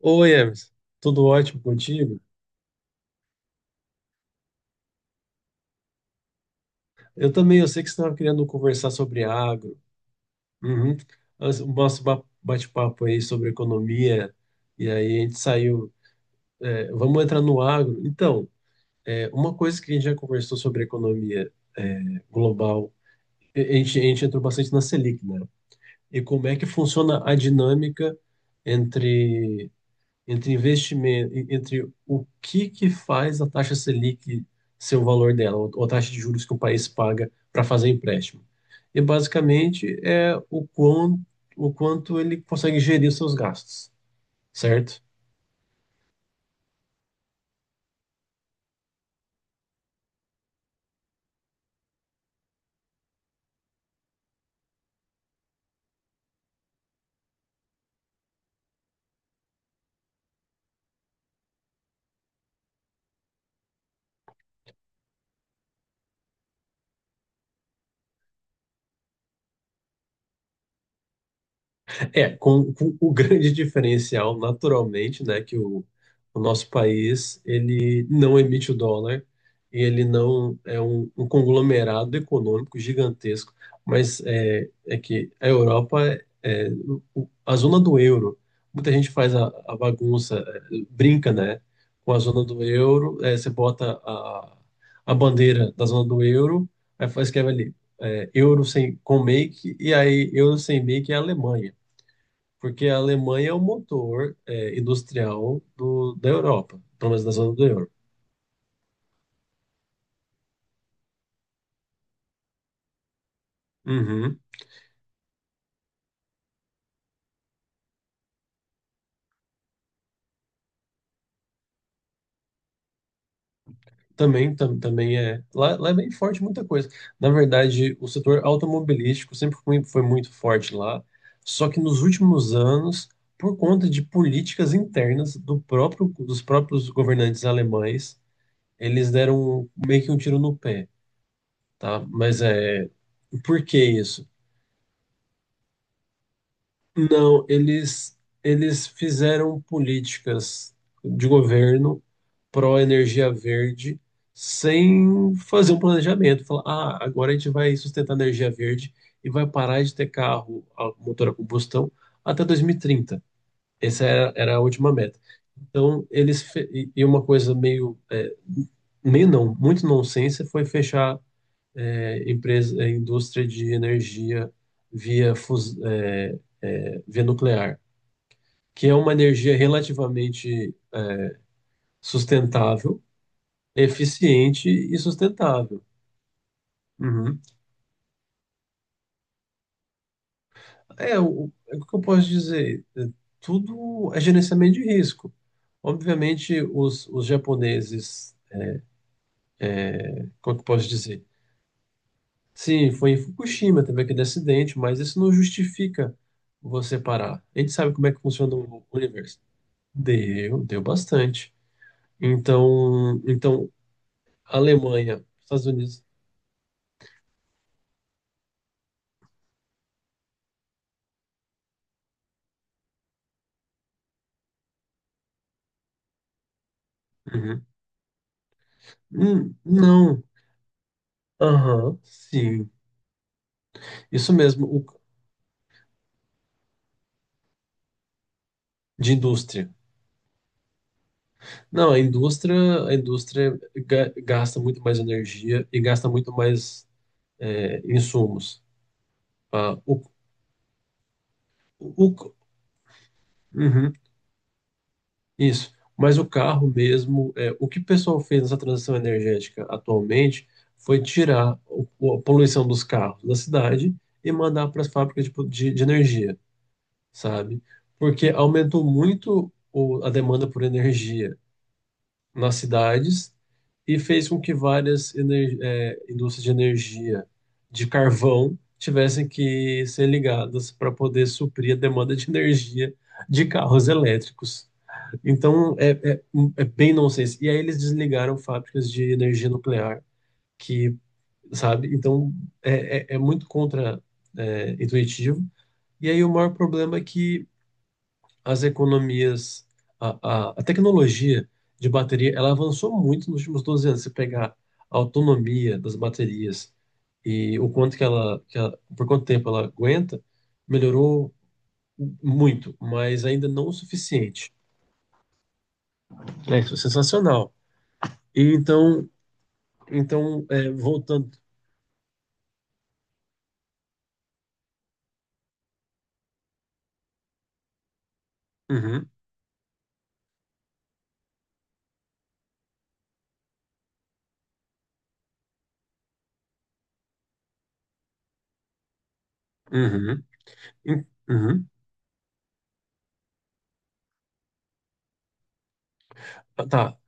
Oi, Emerson. Tudo ótimo contigo? Eu também, eu sei que você estava querendo conversar sobre agro. Uhum. O nosso bate-papo aí sobre economia, e aí a gente saiu. Vamos entrar no agro. Então, uma coisa que a gente já conversou sobre economia global, a gente entrou bastante na Selic, né? E como é que funciona a dinâmica entre entre investimento, entre o que que faz a taxa Selic ser o valor dela, ou a taxa de juros que o país paga para fazer empréstimo. E basicamente é o quão, o quanto ele consegue gerir os seus gastos, certo? É, com o grande diferencial, naturalmente, né, o nosso país ele não emite o dólar e ele não é um conglomerado econômico gigantesco, mas é que a Europa a zona do euro. Muita gente faz a bagunça, brinca, né, com a zona do euro. É, você bota a bandeira da zona do euro, aí faz escreve ali euro sem com make, e aí euro sem make é a Alemanha. Porque a Alemanha é o motor industrial da Europa, pelo menos da zona do euro. Uhum. Também, também é. Lá é bem forte muita coisa. Na verdade, o setor automobilístico foi muito forte lá, só que nos últimos anos, por conta de políticas internas dos próprios governantes alemães, eles deram meio que um tiro no pé, tá? Mas é, por que isso? Não, eles fizeram políticas de governo pró-energia verde sem fazer um planejamento. Falar, ah, agora a gente vai sustentar a energia verde e vai parar de ter carro a motor a combustão até 2030. Era a última meta. Então, eles... E e uma coisa meio... meio não, muito nonsense foi fechar empresa, indústria de energia via nuclear, que é uma energia relativamente sustentável, eficiente e sustentável. Uhum. É o que eu posso dizer? Tudo é gerenciamento de risco. Obviamente, os japoneses, como que eu posso dizer? Sim, foi em Fukushima, teve aquele acidente, mas isso não justifica você parar. A gente sabe como é que funciona o universo. Deu bastante. Então, então Alemanha, Estados Unidos. Uhum. Não. Aham, sim. Isso mesmo, de indústria. Não, a indústria gasta muito mais energia e gasta muito mais insumos. Ah, o, o, uhum. Isso, mas o carro mesmo, o que o pessoal fez nessa transição energética atualmente foi tirar a poluição dos carros da cidade e mandar para as fábricas de energia, sabe? Porque aumentou muito a demanda por energia nas cidades e fez com que várias indústrias de energia de carvão tivessem que ser ligadas para poder suprir a demanda de energia de carros elétricos. Então é bem nonsense. E aí eles desligaram fábricas de energia nuclear, que, sabe? Então é muito contra, intuitivo. E aí o maior problema é que as economias, a tecnologia de bateria, ela avançou muito nos últimos 12 anos. Se pegar a autonomia das baterias e o quanto que ela, por quanto tempo ela aguenta, melhorou muito, mas ainda não o suficiente. É sensacional. E então Então, voltando. Uhum, uhum, uhum. Tá.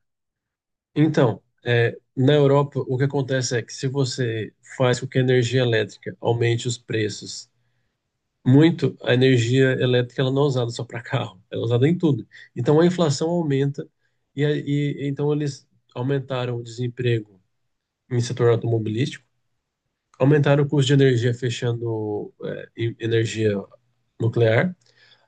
Então, na Europa, o que acontece é que se você faz com que a energia elétrica aumente os preços muito, a energia elétrica ela não é usada só para carro, ela é usada em tudo. Então, a inflação aumenta e, e então eles aumentaram o desemprego em setor automobilístico, aumentaram o custo de energia fechando energia nuclear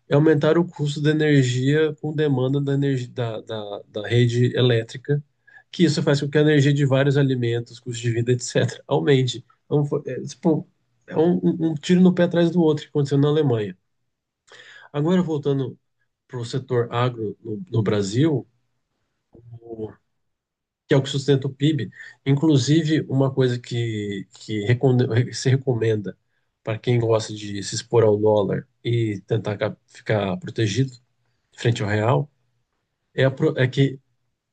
é aumentar o custo da energia com demanda da, energia, da, da, da rede elétrica, que isso faz com que a energia de vários alimentos, custo de vida, etc., aumente. Então, tipo, é um tiro no pé atrás do outro que aconteceu na Alemanha. Agora, voltando para o setor agro no Brasil, o- que é o que sustenta o PIB, inclusive uma coisa que se recomenda para quem gosta de se expor ao dólar e tentar ficar protegido frente ao real, é que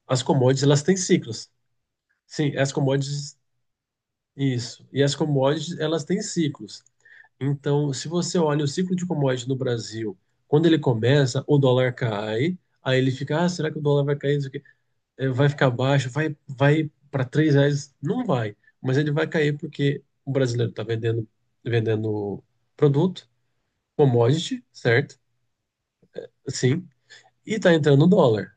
as commodities elas têm ciclos. Sim, as commodities, isso. E as commodities elas têm ciclos. Então, se você olha o ciclo de commodities no Brasil, quando ele começa, o dólar cai, aí ele fica, ah, será que o dólar vai cair? Isso aqui? Vai ficar baixo, vai para 3 reais? Não vai, mas ele vai cair porque o brasileiro está vendendo, vendendo produto, commodity, certo? Sim, e está entrando dólar.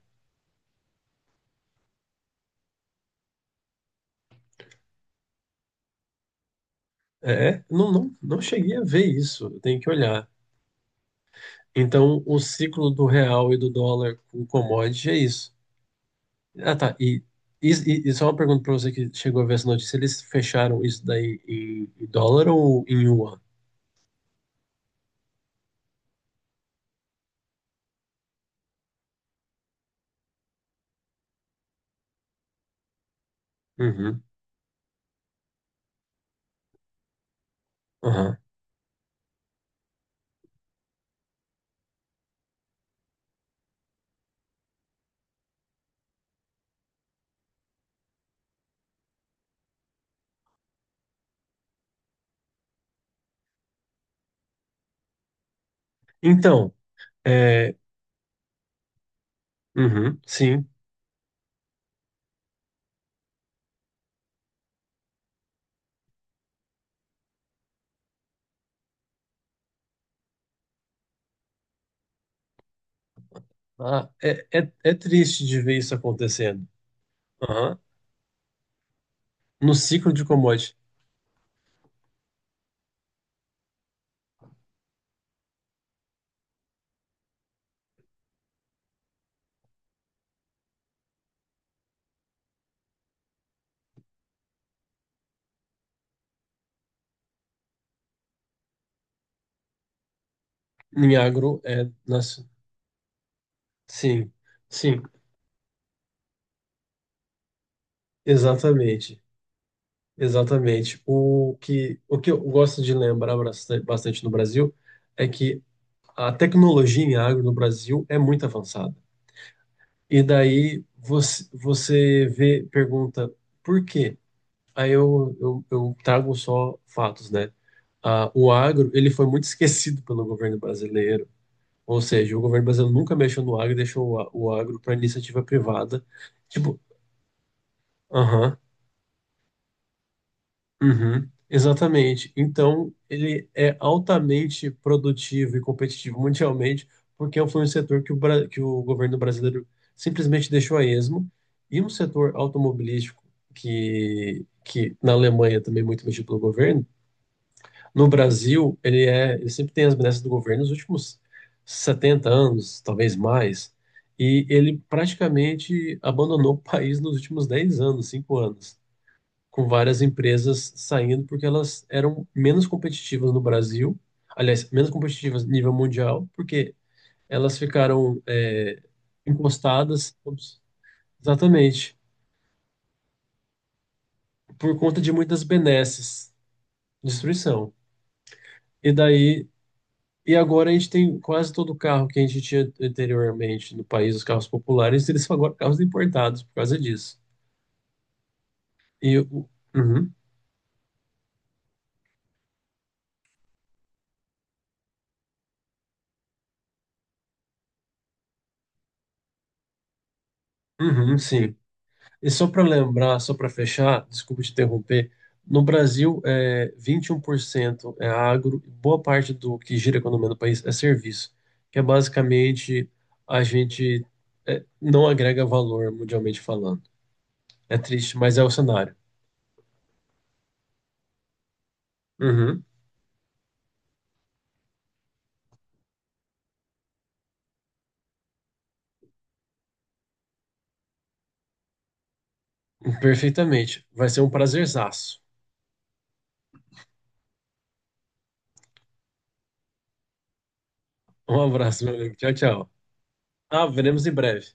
É, não cheguei a ver isso, eu tenho que olhar. Então, o ciclo do real e do dólar com commodity é isso. Ah, tá. E só uma pergunta para você que chegou a ver essa notícia: eles fecharam isso daí em, em dólar ou em yuan? Uhum, aham. Então, é, uhum, sim. Ah, é triste de ver isso acontecendo. Aham. No ciclo de commodity, em agro, é. Nas Sim, sim, exatamente. Exatamente. O que eu gosto de lembrar bastante no Brasil é que a tecnologia em agro no Brasil é muito avançada. E daí você, você vê, pergunta por quê? Aí eu trago só fatos, né? Ah, o agro, ele foi muito esquecido pelo governo brasileiro. Ou seja, o governo brasileiro nunca mexeu no agro e deixou o agro para iniciativa privada. Tipo, aham. Uhum, exatamente. Então, ele é altamente produtivo e competitivo mundialmente, porque foi um setor que que o governo brasileiro simplesmente deixou a esmo, e um setor automobilístico que na Alemanha também é muito mexido pelo governo, no Brasil, ele sempre tem as benesses do governo nos últimos 70 anos, talvez mais, e ele praticamente abandonou o país nos últimos 10 anos, 5 anos, com várias empresas saindo porque elas eram menos competitivas no Brasil, aliás, menos competitivas nível mundial, porque elas ficaram encostadas, ups, exatamente, por conta de muitas benesses, destruição. E daí, e agora a gente tem quase todo o carro que a gente tinha anteriormente no país, os carros populares, eles são agora carros importados por causa disso. E o- uhum, uhum, sim. E só para lembrar, só para fechar, desculpa te interromper, no Brasil, 21% é agro, e boa parte do que gira a economia do país é serviço, que é basicamente a gente não agrega valor mundialmente falando. É triste, mas é o cenário. Uhum, perfeitamente. Vai ser um prazerzaço. Um abraço, meu amigo. Tchau, tchau. Ah, veremos em breve.